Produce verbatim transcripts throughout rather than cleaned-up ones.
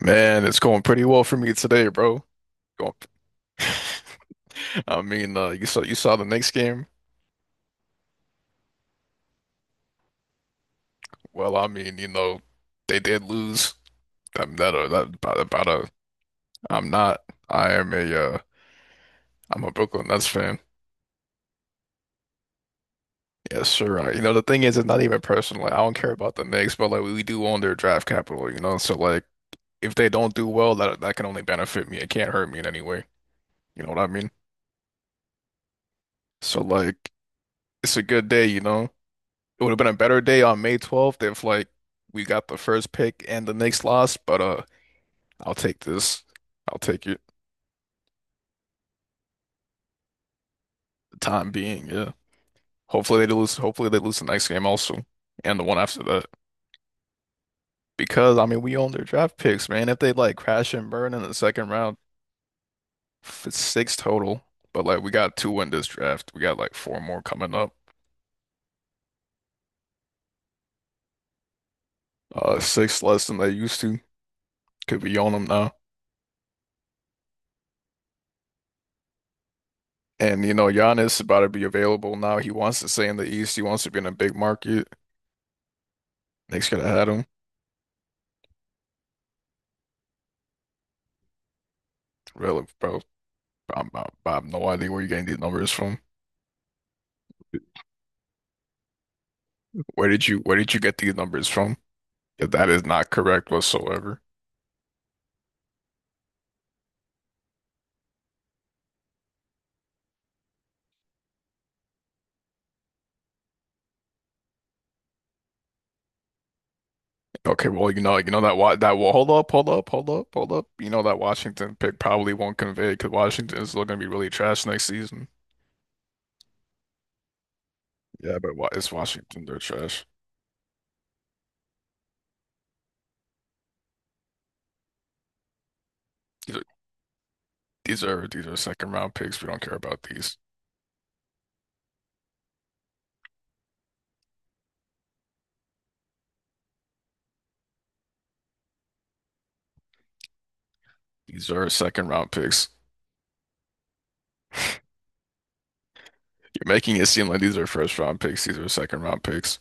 Man, it's going pretty well for me today, bro. Going, I mean, uh, you saw you saw the next game. Well, I mean, you know, they did lose. I'm that uh, that about, about a. I'm not. I am a. Uh, I'm a Brooklyn Nets fan. Yes, sure. Uh, you know, the thing is, it's not even personal. Like, I don't care about the Knicks, but like we do own their draft capital. You know, so like if they don't do well, that that can only benefit me. It can't hurt me in any way. You know what I mean? So like, it's a good day. You know. It would have been a better day on May twelfth if like we got the first pick and the Knicks lost, but uh I'll take this. I'll take it. For the time being, yeah. Hopefully they lose, hopefully they lose the next game also, and the one after that. Because I mean we own their draft picks, man. If they like crash and burn in the second round, f- it's six total. But like we got two in this draft. We got like four more coming up. Uh six less than they used to. Could be on them now. And you know, Giannis is about to be available now. He wants to stay in the East. He wants to be in a big market. Nick's gonna had him. Really, bro. I'm, I'm, I have no idea where you're getting these numbers from. Where did you Where did you get these numbers from? That is not correct whatsoever. Okay, well, you know, you know that wa that well, hold up, hold up, hold up, hold up. You know that Washington pick probably won't convey because Washington is still gonna be really trash next season. Yeah, but wa it's Washington. They're trash. These are these are these are second round picks. We don't care about these. These are second round picks. You're making it seem like these are first round picks. These are second round picks.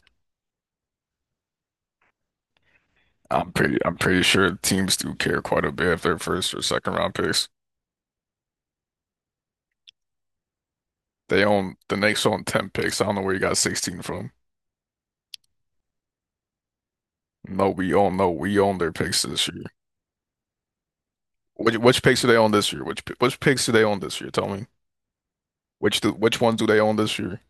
I'm pretty I'm pretty sure teams do care quite a bit if they're first or second round picks. They own the Knicks own ten picks. I don't know where you got sixteen from. No, we own no, We own their picks this year. Which which picks do they own this year? Which pi- which picks do they own this year? Tell me. Which do, which ones do they own this year?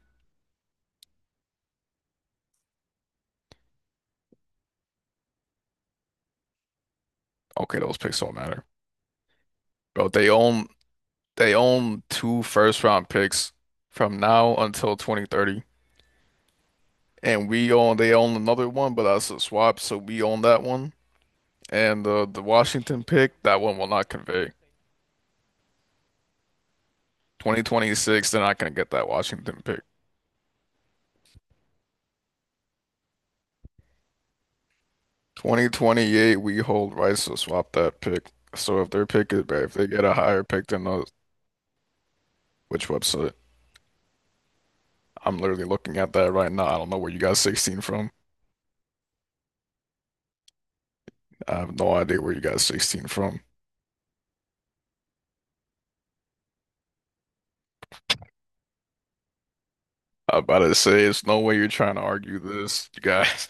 Okay, those picks don't matter. Bro, they own they own two first round picks from now until twenty thirty. And we own they own another one, but that's a swap, so we own that one. And uh, the Washington pick, that one will not convey. twenty twenty-six, they're not going to get that Washington pick. twenty twenty-eight, we hold rights to swap that pick. So if their pick is bad, if they get a higher pick than us, which website? I'm literally looking at that right now. I don't know where you got sixteen from. I have no idea where you got sixteen from. I'm about to say, it's no way you're trying to argue this, you guys.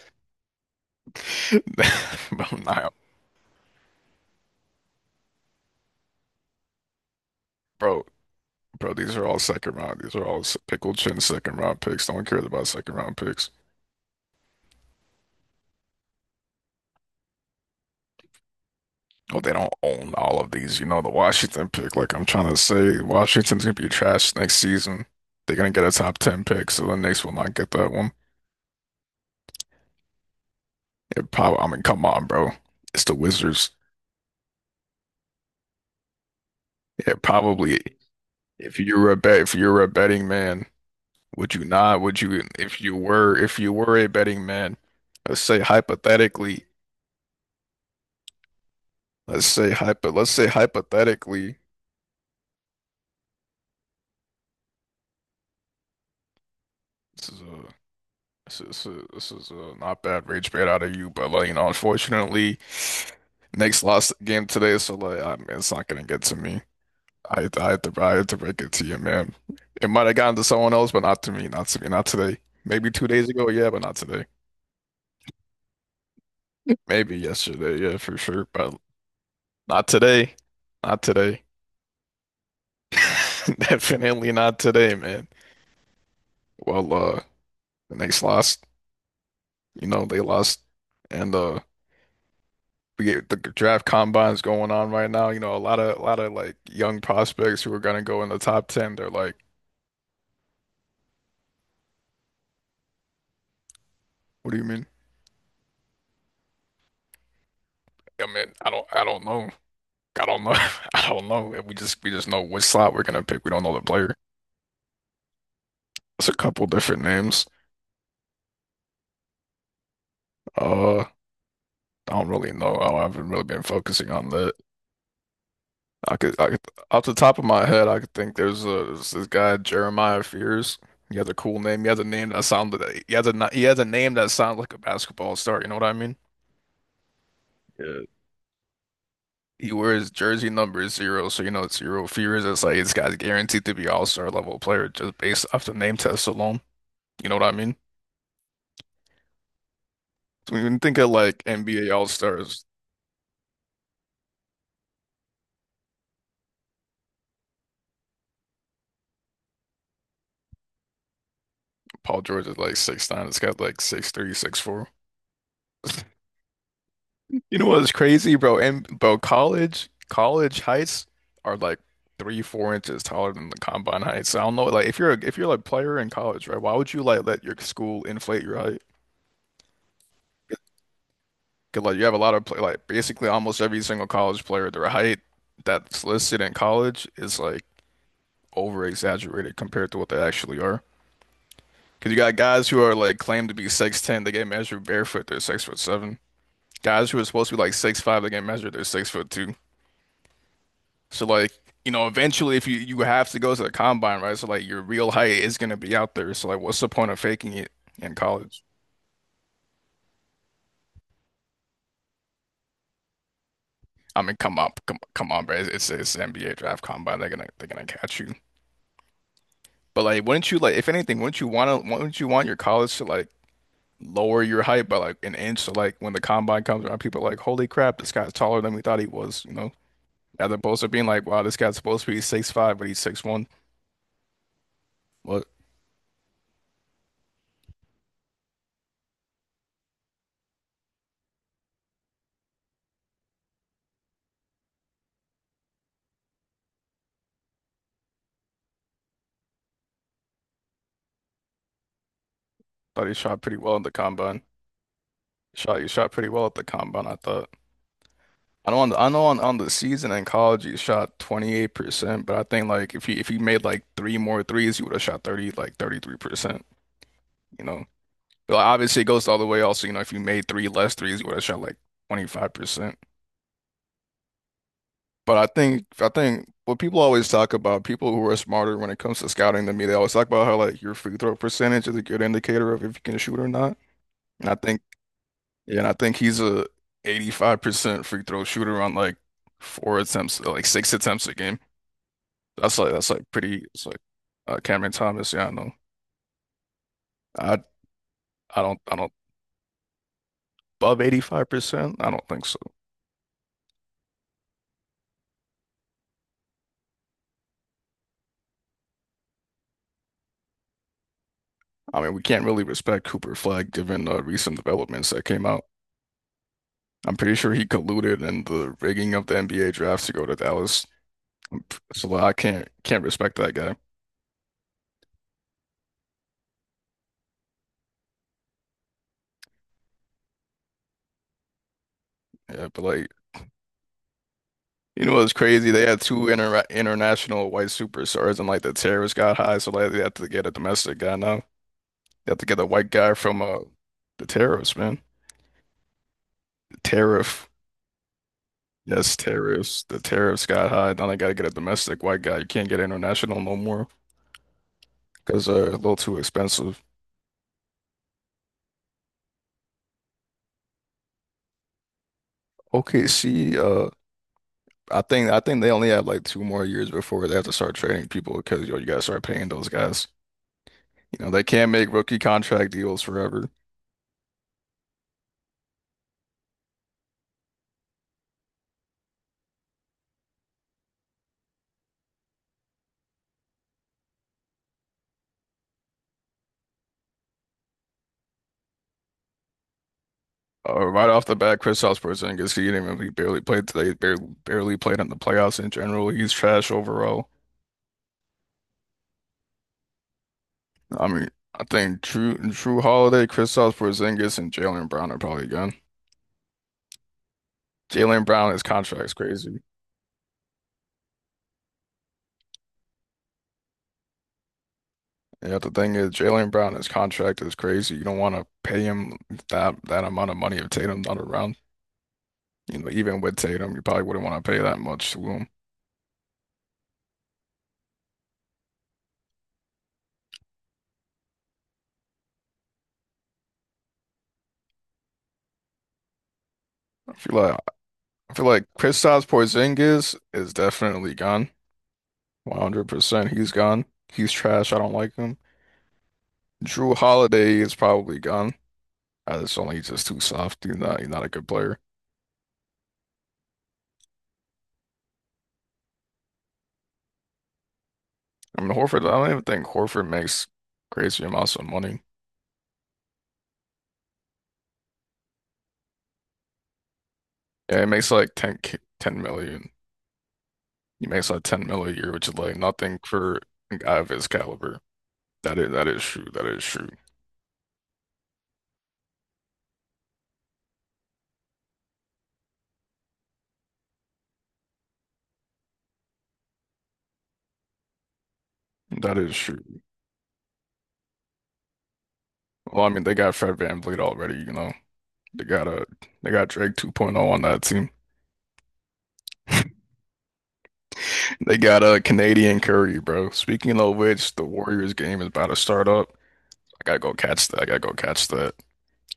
But I'm not- bro, bro, these are all second round. These are all s- pickle chin second round picks. No one cares about second round picks. Oh, they don't own all of these. You know, the Washington pick. Like I'm trying to say, Washington's gonna be trash next season. They're gonna get a top ten pick, so the Knicks will not get that one. It probably. I mean, come on, bro. It's the Wizards. Yeah, probably. If you were a bet, if you were a betting man, would you not? Would you? If you were, if you were a betting man, let's say hypothetically. Let's say hypo. Let's say hypothetically. This is a This is uh, this is uh, not bad rage bait out of you, but like you know, unfortunately, Knicks lost the game today, so like I mean, it's not gonna get to me. I had to, I had to I had to break it to you, man. It might have gotten to someone else, but not to me, not to me, not today. Maybe two days ago, yeah, but not today. Maybe yesterday, yeah, for sure, but not today, not today. Definitely not today, man. Well, uh, the Knicks lost. You know, they lost. And uh. we get the draft combines going on right now. You know, a lot of a lot of like young prospects who are gonna go in the top ten. They're like, "What do you mean?" I mean, I don't, I don't know. I don't know. I don't know. And We just we just know which slot we're gonna pick. We don't know the player. It's a couple different names. Uh, I don't really know. I haven't really been focusing on that. I could, I could, off the top of my head, I could think there's a there's this guy Jeremiah Fears. He has a cool name. He has a name that sounded. He has a he has a name that sounds like a basketball star. You know what I mean? Yeah. He wears jersey number zero, so you know it's zero fears. It's like this guy's guaranteed to be all-star level player just based off the name test alone. You know what I mean? So when you think of like N B A all-stars, Paul George is like six nine. It's got like six three, six four. You know what's crazy, bro? And bro, college college heights are like three, four inches taller than the combine heights. I don't know, like if you're a, if you're like player in college, right? Why would you like let your school inflate your height? Cause like you have a lot of play, like basically almost every single college player, their height that's listed in college is like over exaggerated compared to what they actually are. Cause you got guys who are like claimed to be six'ten, they get measured barefoot, they're six foot seven. Guys who are supposed to be like six five, they get measured, they're six foot two. So like, you know, eventually if you you have to go to the combine, right? So like your real height is gonna be out there. So like what's the point of faking it in college? I mean, come up, come, come on, bro. It's it's, it's the N B A draft combine. They're gonna they're gonna catch you. But like, wouldn't you like, if anything, wouldn't you want to, wouldn't you want your college to like lower your height by like an inch? So like, when the combine comes around, people are like, holy crap, this guy's taller than we thought he was, you know? As opposed to being like, wow, this guy's supposed to be six five, but he's six one. Well, thought he shot pretty well in the combine. Shot, he shot pretty well at the combine, I thought. I know on the, I know on, on the season in college he shot twenty-eight percent, but I think like if he if he made like three more threes, he would have shot thirty like thirty-three percent, you know. But obviously, it goes the other way. Also, you know, if you made three less threes, you would have shot like twenty-five percent. But I think, I think what people always talk about, people who are smarter when it comes to scouting than me, they always talk about how like your free throw percentage is a good indicator of if you can shoot or not. And I think, yeah, and I think he's a eighty-five percent free throw shooter on like four attempts, like six attempts a game. That's like, that's like pretty, it's like uh, Cameron Thomas. Yeah, I know. I, I don't, I don't above eighty-five percent. I don't think so. I mean, we can't really respect Cooper Flag given uh, recent developments that came out. I'm pretty sure he colluded in the rigging of the N B A drafts to go to Dallas. So like, I can't can't respect that guy. Yeah, but like, you know what's crazy? They had two inter international white superstars, and like the tariffs got high, so like they have to get a domestic guy now. They have to get a white guy from uh the tariffs, man. The tariff, yes, tariffs. The tariffs got high. Now they gotta get a domestic white guy. You can't get international no more because they're a little too expensive. Okay, see, uh, I think I think they only have like two more years before they have to start trading people because yo, you gotta start paying those guys. You know, they can't make rookie contract deals forever. Uh, right off the bat, Kristaps Porzingis, he didn't even he barely played today. Barely, barely played in the playoffs in general. He's trash overall. I mean, I think Drew Drew Holiday, Kristaps Porzingis, and Jalen Brown are probably gone. Jalen Brown, his contract's crazy. Yeah, the thing is, Jalen Brown, his contract is crazy. You don't want to pay him that that amount of money if Tatum's not around. You know, even with Tatum, you probably wouldn't want to pay that much to him. I feel like I feel like Kristaps Porzingis is definitely gone. one hundred percent. He's gone. He's trash. I don't like him. Drew Holiday is probably gone. I just don't think he's just too soft. He's not he's not a good player. I mean Horford, I don't even think Horford makes crazy amounts of money. Yeah, he makes like ten, K- ten million. He makes like ten million a year, which is like nothing for a guy of his caliber. That is that is true. That is true. That is true. Well, I mean, they got Fred VanVleet already, you know. They got a they got Drake 2.0 on that team. They got a uh, Canadian Curry, bro. Speaking of which, the Warriors game is about to start up. I gotta go catch that. I gotta go catch that. It's